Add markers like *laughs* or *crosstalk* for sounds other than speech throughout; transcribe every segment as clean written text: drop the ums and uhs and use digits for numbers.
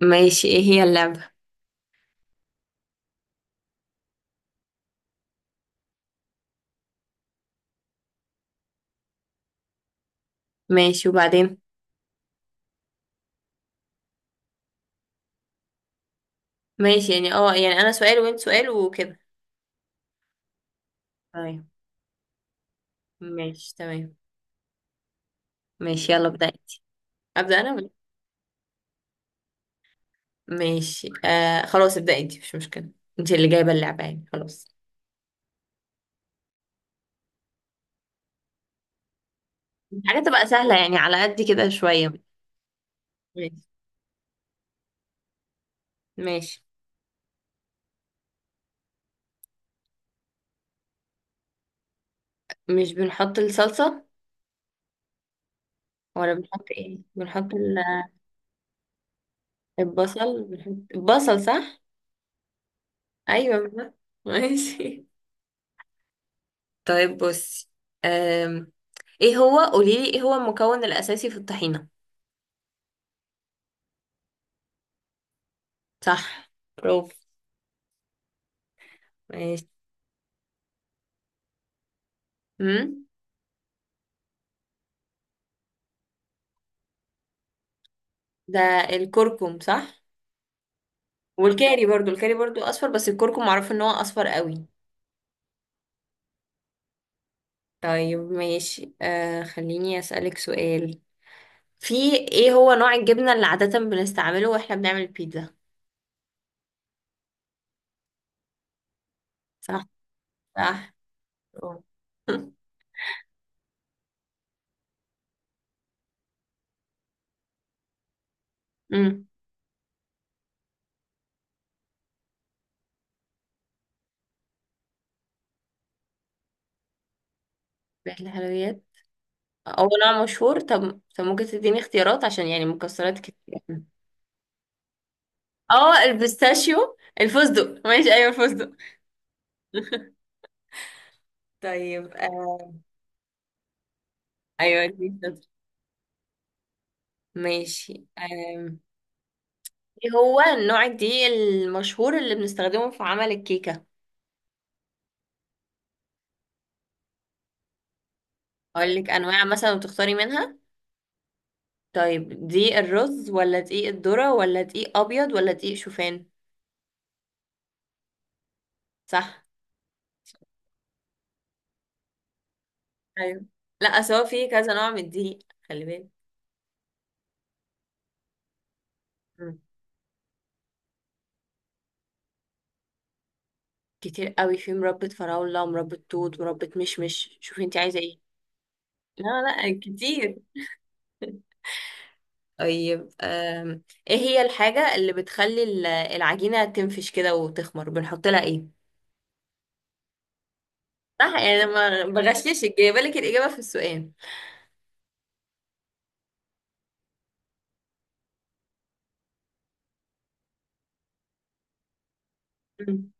ماشي، ايه هي اللعبة؟ ماشي، وبعدين؟ ماشي، يعني يعني انا سؤال وانت سؤال وكده. تمام. ماشي. تمام. ماشي، يلا ابدأ انت. ابدأ انا ولا؟ ماشي، آه، خلاص ابدأ انت، مش مشكلة. انت اللي جايبة اللعبة، يعني خلاص. حاجة تبقى سهلة يعني، على قد كده شوية. ماشي، ماشي. مش بنحط الصلصة؟ ولا بنحط ايه؟ بنحط ال- آه، البصل، بنحط البصل صح. ايوه، بنحط-. ماشي، طيب بصي. أم... ايه هو قوليلي ايه هو المكون الأساسي في الطحينة؟ صح. برافو. ماشي. امم. ده الكركم صح. والكاري برضو اصفر، بس الكركم معروف ان هو اصفر قوي. طيب ماشي، خليني اسالك سؤال. في، ايه هو نوع الجبنه اللي عاده بنستعمله واحنا بنعمل البيتزا؟ صح. صح. برافو. *laughs* امم. بيت الحلويات هو نوع مشهور. طب طب، ممكن تديني اختيارات عشان يعني مكسرات كتير. اه، البيستاشيو، الفستق. ماشي، ايوه الفستق. *laughs* طيب. آه. ايوه، ماشي. ايه هو النوع الدقيق المشهور اللي بنستخدمه في عمل الكيكة؟ اقول لك انواع مثلا وتختاري منها. طيب، دقيق الرز ولا دقيق الذرة ولا دقيق ابيض ولا دقيق شوفان؟ صح. ايوه. لا، أصل هو في كذا نوع من الدقيق. خلي بالك. مم. كتير قوي، في مربى فراولة ومربى توت وربة مشمش، شوفي انت عايزة ايه. لا، لا، كتير. طيب، ايه هي الحاجة اللي بتخلي العجينة تنفش كده وتخمر، بنحط لها ايه؟ صح، يعني أنا ما بغششك، جايبه لك الاجابه في السؤال. مم.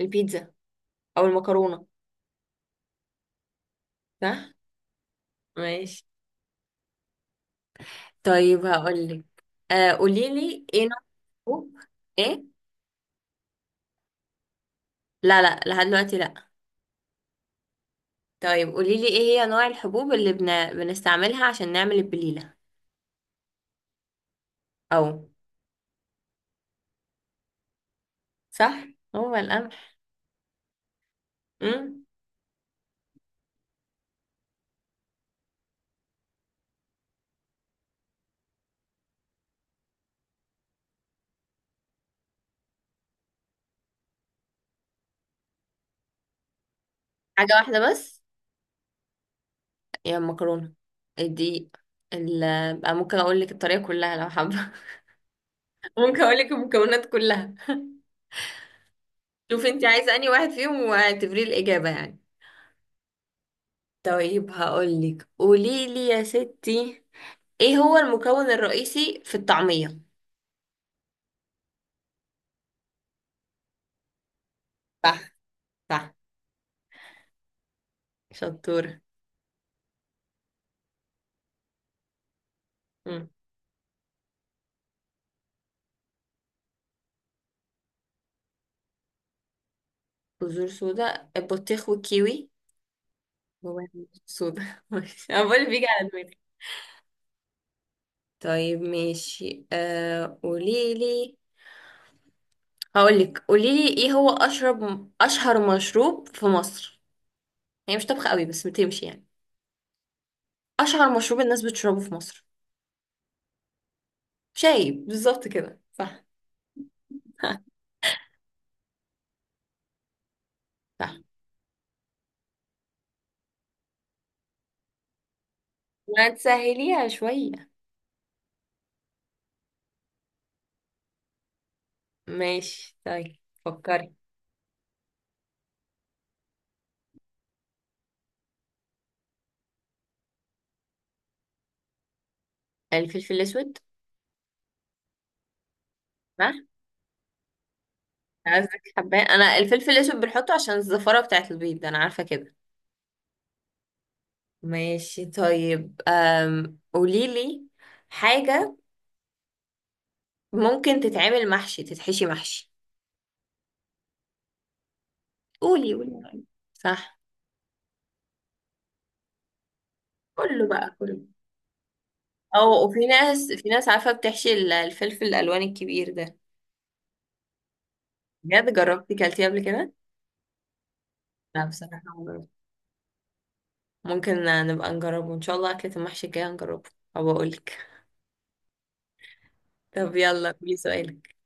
البيتزا او المكرونه. صح. ماشي، طيب هقول لك، قولي لي ايه نوع الحبوب. ايه؟ لا لا، لحد دلوقتي لا. طيب قولي لي، ايه هي نوع الحبوب اللي بنستعملها عشان نعمل البليله؟ او. صح، هو القمح. امم. حاجه واحده بس. يا المكرونه، الدقيق، ال... بقى ممكن اقول لك الطريقه كلها لو حابه. *laughs* ممكن اقول لك المكونات كلها، شوف انت عايزه انهي واحد فيهم واعتبريه الاجابه يعني. طيب هقولك، قوليلي يا ستي، ايه هو المكون الرئيسي في الطعميه؟ صح. صح. شطوره. مم. بذور سودا، البطيخ والكيوي. هو بذور سودا. *laughs* ماشي. انا بقول بيجي على دماغي. طيب ماشي، قوليلي، هقولك، قوليلي ايه هو اشهر مشروب في مصر. هي مش طبخة قوي بس بتمشي يعني. اشهر مشروب الناس بتشربه في مصر. شاي، بالظبط كده صح. *laughs* صح. ما تسهليها شوية. ماشي، طيب فكري. الفلفل الأسود. ها. عايزك حباه أنا، الفلفل الأسود بنحطه عشان الزفارة بتاعة البيض أنا عارفة كده. ماشي، طيب. قوليلي حاجة ممكن تتعمل محشي، تتحشي محشي. قولي قولي. صح، كله بقى كله. أو، وفي ناس عارفة بتحشي الفلفل الألوان الكبير ده. بجد جربتي كلتيه قبل كده؟ لا، بصراحة ما جربت. ممكن نبقى نجربه إن شاء الله، أكلة المحشي الجاية نجربه. أو أقولك. طب يلا قولي سؤالك.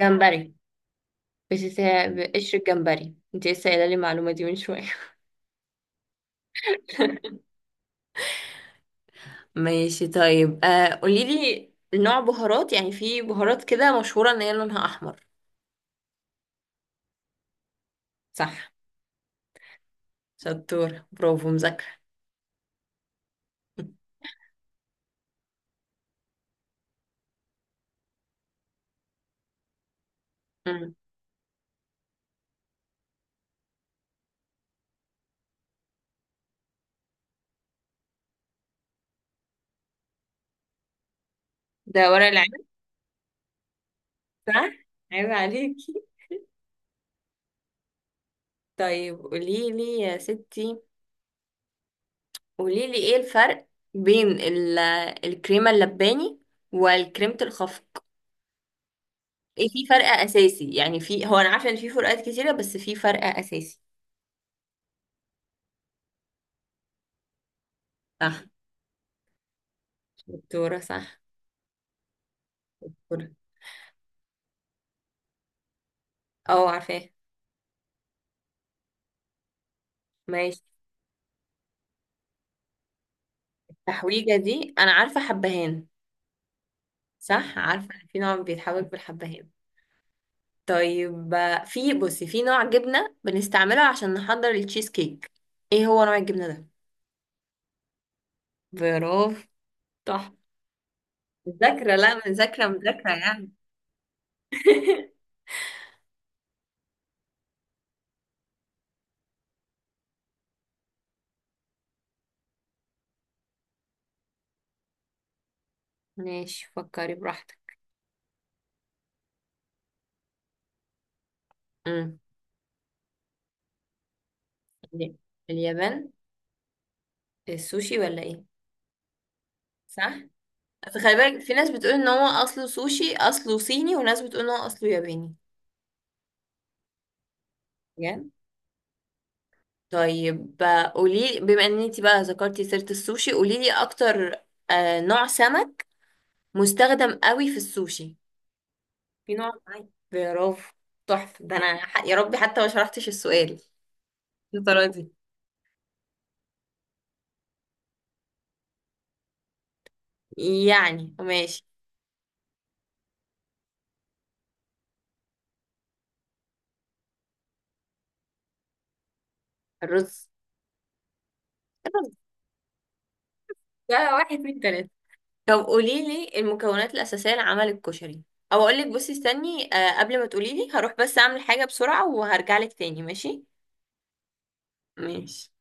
جمبري. بقشر الجمبري، انت لسه قايله لي المعلومه دي من شويه. *laughs* ماشي طيب، قولي لي نوع بهارات، يعني في بهارات كده مشهوره ان هي لونها احمر. صح. شطور. برافو. مذاكره. مم. ده ورق العنب. صح. عيب عليكي. طيب قولي لي يا ستي، قولي لي ايه الفرق بين الكريمه اللباني والكريمه الخفق. إيه في فرق اساسي؟ يعني في، هو انا عارفه ان في فروقات كتيره، بس في فرق اساسي. صح. دكتوره صح. دكتورة. اه عارفاه. ماشي. التحويجه دي انا عارفه، حبهان. صح، عارفه في نوع بيتحوج بالحبهان. طيب في، بصي، في نوع جبنه بنستعمله عشان نحضر التشيز كيك. ايه هو نوع الجبنه ده؟ برافو. تحفه. مذاكره. لا، مذاكره، مذاكره يعني. *laughs* ماشي، فكري براحتك. امم. اليابان. السوشي ولا ايه؟ صح. فخلي بالك، في ناس بتقول ان هو اصله سوشي اصله صيني، وناس بتقول ان هو اصله ياباني. بجد. طيب قولي بما ان انتي بقى ذكرتي سيرة السوشي، قولي لي اكتر. نوع سمك مستخدم قوي في السوشي. في نوع معين. برافو. تحفة. ده انا يا ربي، حتى ما شرحتش السؤال، الطريقة دي. يعني ماشي. الرز. الرز ده واحد من تلاتة. طب قولي لي المكونات الأساسية لعمل الكشري. او اقول لك، بصي استني، قبل ما تقولي لي هروح بس اعمل حاجة بسرعة وهرجع لك تاني ماشي. ماشي.